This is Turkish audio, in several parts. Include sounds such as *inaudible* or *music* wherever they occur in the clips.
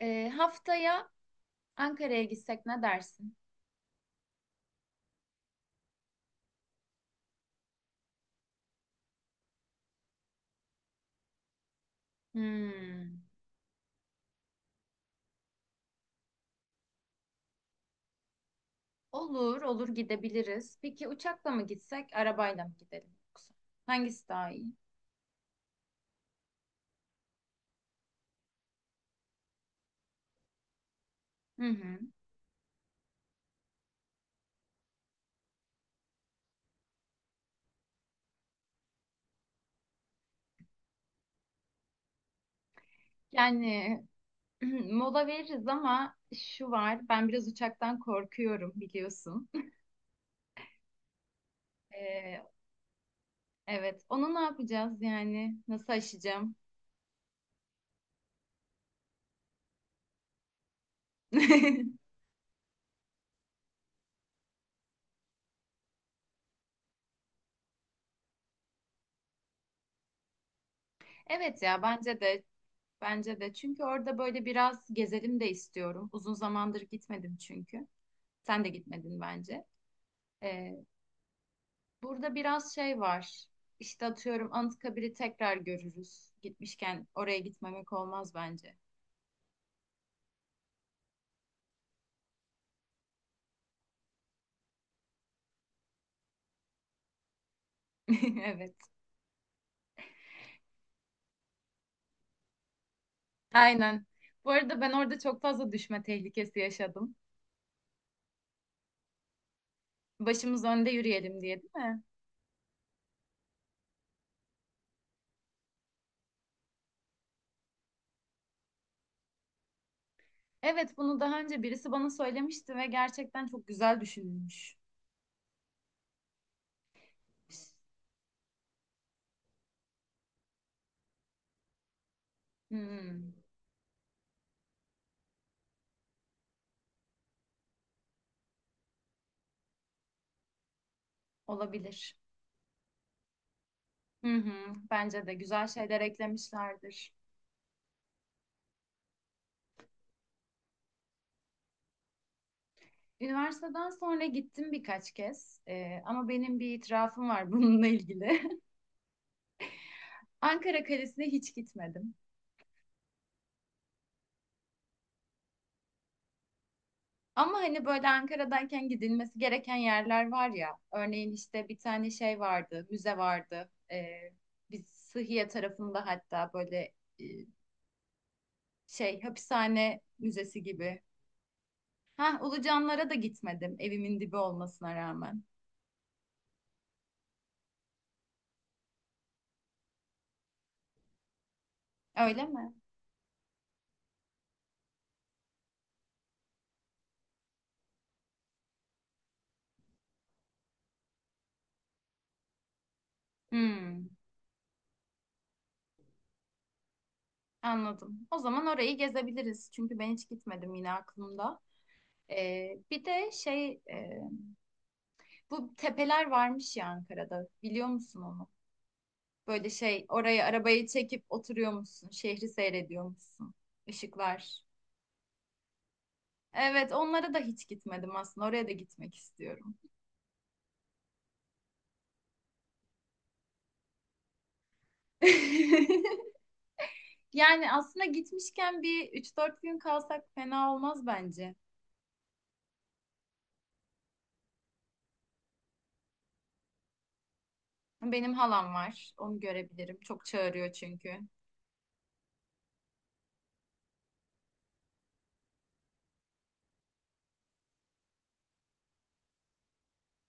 Haftaya Ankara'ya gitsek ne dersin? Hmm. Olur, olur gidebiliriz. Peki uçakla mı gitsek, arabayla mı gidelim yoksa? Hangisi daha iyi? Hı hı. Yani *clears throat* mola veririz ama şu var, ben biraz uçaktan korkuyorum biliyorsun. *laughs* Ee, evet, onu ne yapacağız yani? Nasıl aşacağım? *laughs* Evet ya, bence de. Çünkü orada böyle biraz gezelim de istiyorum. Uzun zamandır gitmedim çünkü. Sen de gitmedin bence. Ee, burada biraz şey var. İşte atıyorum Anıtkabir'i tekrar görürüz. Gitmişken oraya gitmemek olmaz bence. *laughs* Evet. Aynen. Bu arada ben orada çok fazla düşme tehlikesi yaşadım. Başımız önde yürüyelim diye değil mi? Evet bunu daha önce birisi bana söylemişti ve gerçekten çok güzel düşünülmüş. Hmm, olabilir. Hı hı, bence de güzel şeyler eklemişlerdir. Üniversiteden sonra gittim birkaç kez ama benim bir itirafım var bununla ilgili. *laughs* Ankara Kalesi'ne hiç gitmedim. Ama hani böyle Ankara'dayken gidilmesi gereken yerler var ya. Örneğin işte bir tane şey vardı, müze vardı. Biz Sıhhiye tarafında hatta böyle e, şey hapishane müzesi gibi. Ha, Ulucanlara da gitmedim evimin dibi olmasına rağmen. Öyle mi? Hmm, anladım. O zaman orayı gezebiliriz. Çünkü ben hiç gitmedim yine aklımda. Bir de şey bu tepeler varmış ya Ankara'da. Biliyor musun onu? Böyle şey oraya arabayı çekip oturuyormuşsun. Şehri seyrediyormuşsun. Işıklar. Evet onlara da hiç gitmedim aslında. Oraya da gitmek istiyorum. *laughs* Yani aslında gitmişken bir üç dört gün kalsak fena olmaz bence. Benim halam var. Onu görebilirim. Çok çağırıyor çünkü.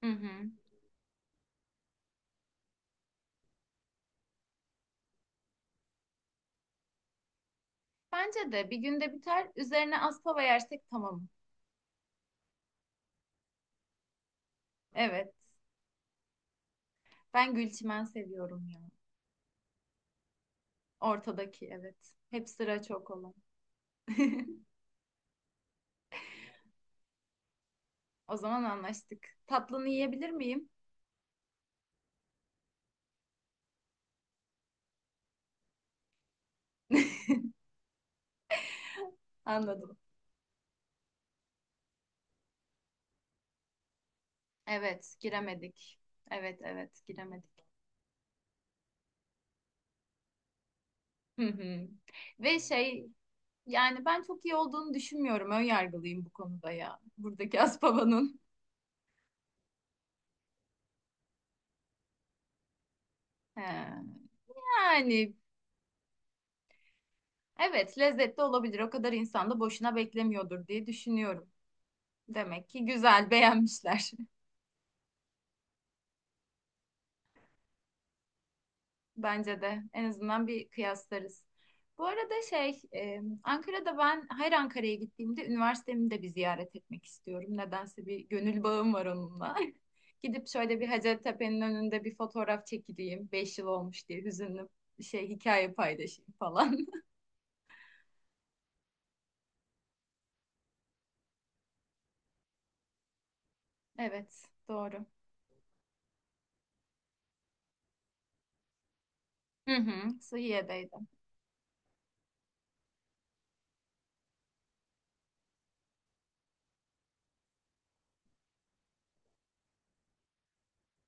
Hı hı. Bence de bir günde biter. Üzerine Aspava yersek tamam. Evet. Ben Gülçimen seviyorum ya. Ortadaki evet. Hep sıra çok olan. *laughs* O zaman anlaştık. Tatlını yiyebilir miyim? *laughs* Anladım. Evet, giremedik. Evet, evet, giremedik. Hı hı. Ve şey, yani ben çok iyi olduğunu düşünmüyorum. Ön yargılıyım bu konuda ya. Buradaki *laughs* Aspava'nın. He. Yani evet, lezzetli olabilir. O kadar insan da boşuna beklemiyordur diye düşünüyorum. Demek ki güzel, beğenmişler. Bence de. En azından bir kıyaslarız. Bu arada şey, Ankara'da ben her Ankara'ya gittiğimde üniversitemi de bir ziyaret etmek istiyorum. Nedense bir gönül bağım var onunla. *laughs* Gidip şöyle bir Hacettepe'nin önünde bir fotoğraf çekileyim. Beş yıl olmuş diye hüzünlü şey hikaye paylaşayım falan. *laughs* Evet, doğru. Hı hı, Sıhiye'deydim.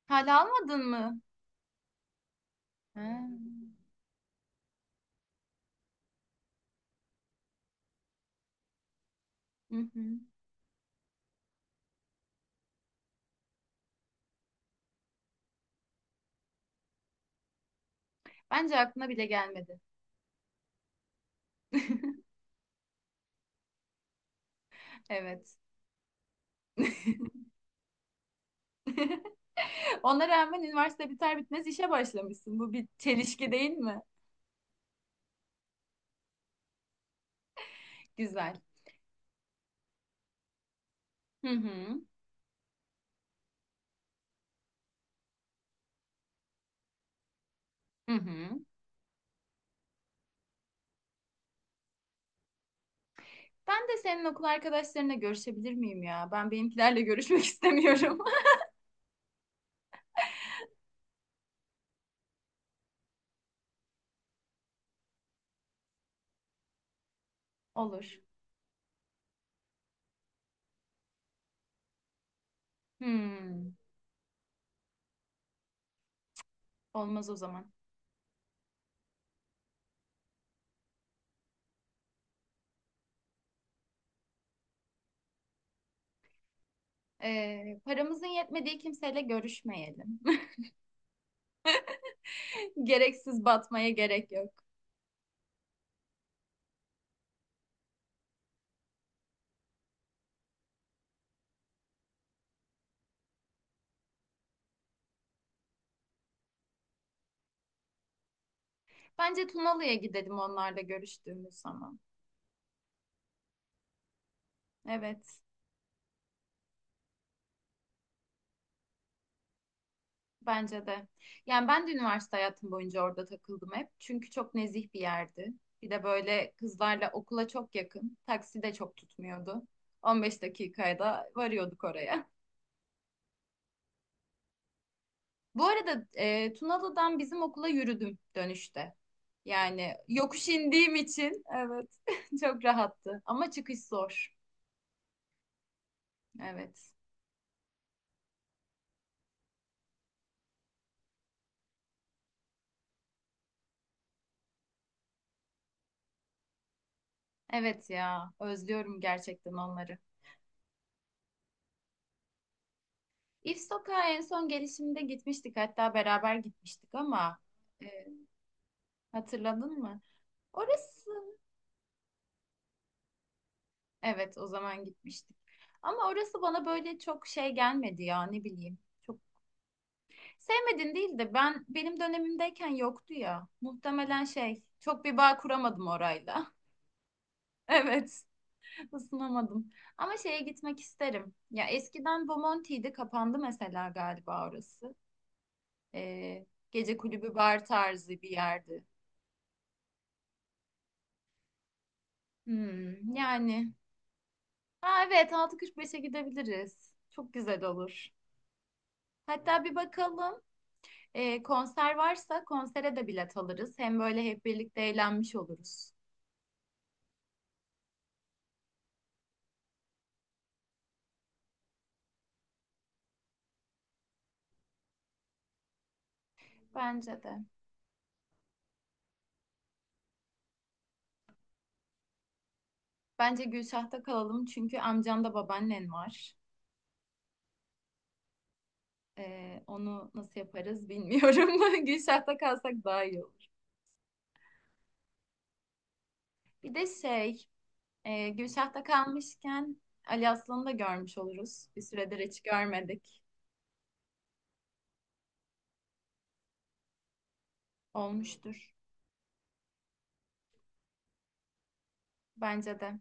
Hala almadın mı? Ha. Hı hı. Bence aklına bile gelmedi. *laughs* Evet. *laughs* Ona rağmen üniversite biter bitmez işe başlamışsın. Bu bir çelişki değil mi? Güzel. Hı hı. Hı hı. Ben de senin okul arkadaşlarına görüşebilir miyim ya? Ben benimkilerle görüşmek *laughs* istemiyorum. *laughs* Olur. Hmm. Olmaz o zaman. Paramızın yetmediği kimseyle görüşmeyelim. *laughs* Gereksiz batmaya gerek yok. Bence Tunalı'ya gidelim onlarla görüştüğümüz zaman. Evet. Bence de. Yani ben de üniversite hayatım boyunca orada takıldım hep. Çünkü çok nezih bir yerdi. Bir de böyle kızlarla okula çok yakın. Taksi de çok tutmuyordu. 15 dakikaya da varıyorduk oraya. Bu arada Tunalı'dan bizim okula yürüdüm dönüşte. Yani yokuş indiğim için evet *laughs* çok rahattı. Ama çıkış zor. Evet. Evet ya özlüyorum gerçekten onları. İf Sokağa en son gelişimde gitmiştik. Hatta beraber gitmiştik ama... e, Hatırladın mı? Orası evet o zaman gitmiştik. Ama orası bana böyle çok şey gelmedi ya ne bileyim. Çok sevmedin değil de ben benim dönemimdeyken yoktu ya. Muhtemelen şey çok bir bağ kuramadım orayla. *laughs* Evet, ısınamadım. Ama şeye gitmek isterim. Ya eskiden Bomonti'ydi kapandı mesela galiba orası. Ee, gece kulübü bar tarzı bir yerdi. Hmm, yani. Ha evet 6.45'e gidebiliriz. Çok güzel olur. Hatta bir bakalım konser varsa konsere de bilet alırız. Hem böyle hep birlikte eğlenmiş oluruz. Bence de. Bence Gülşah'ta kalalım çünkü amcamda babaannen var. E, onu nasıl yaparız bilmiyorum. *laughs* Gülşah'ta kalsak daha iyi olur. Bir de şey Gülşah'ta kalmışken Ali Aslan'ı da görmüş oluruz. Bir süredir hiç görmedik. Olmuştur. Bence de.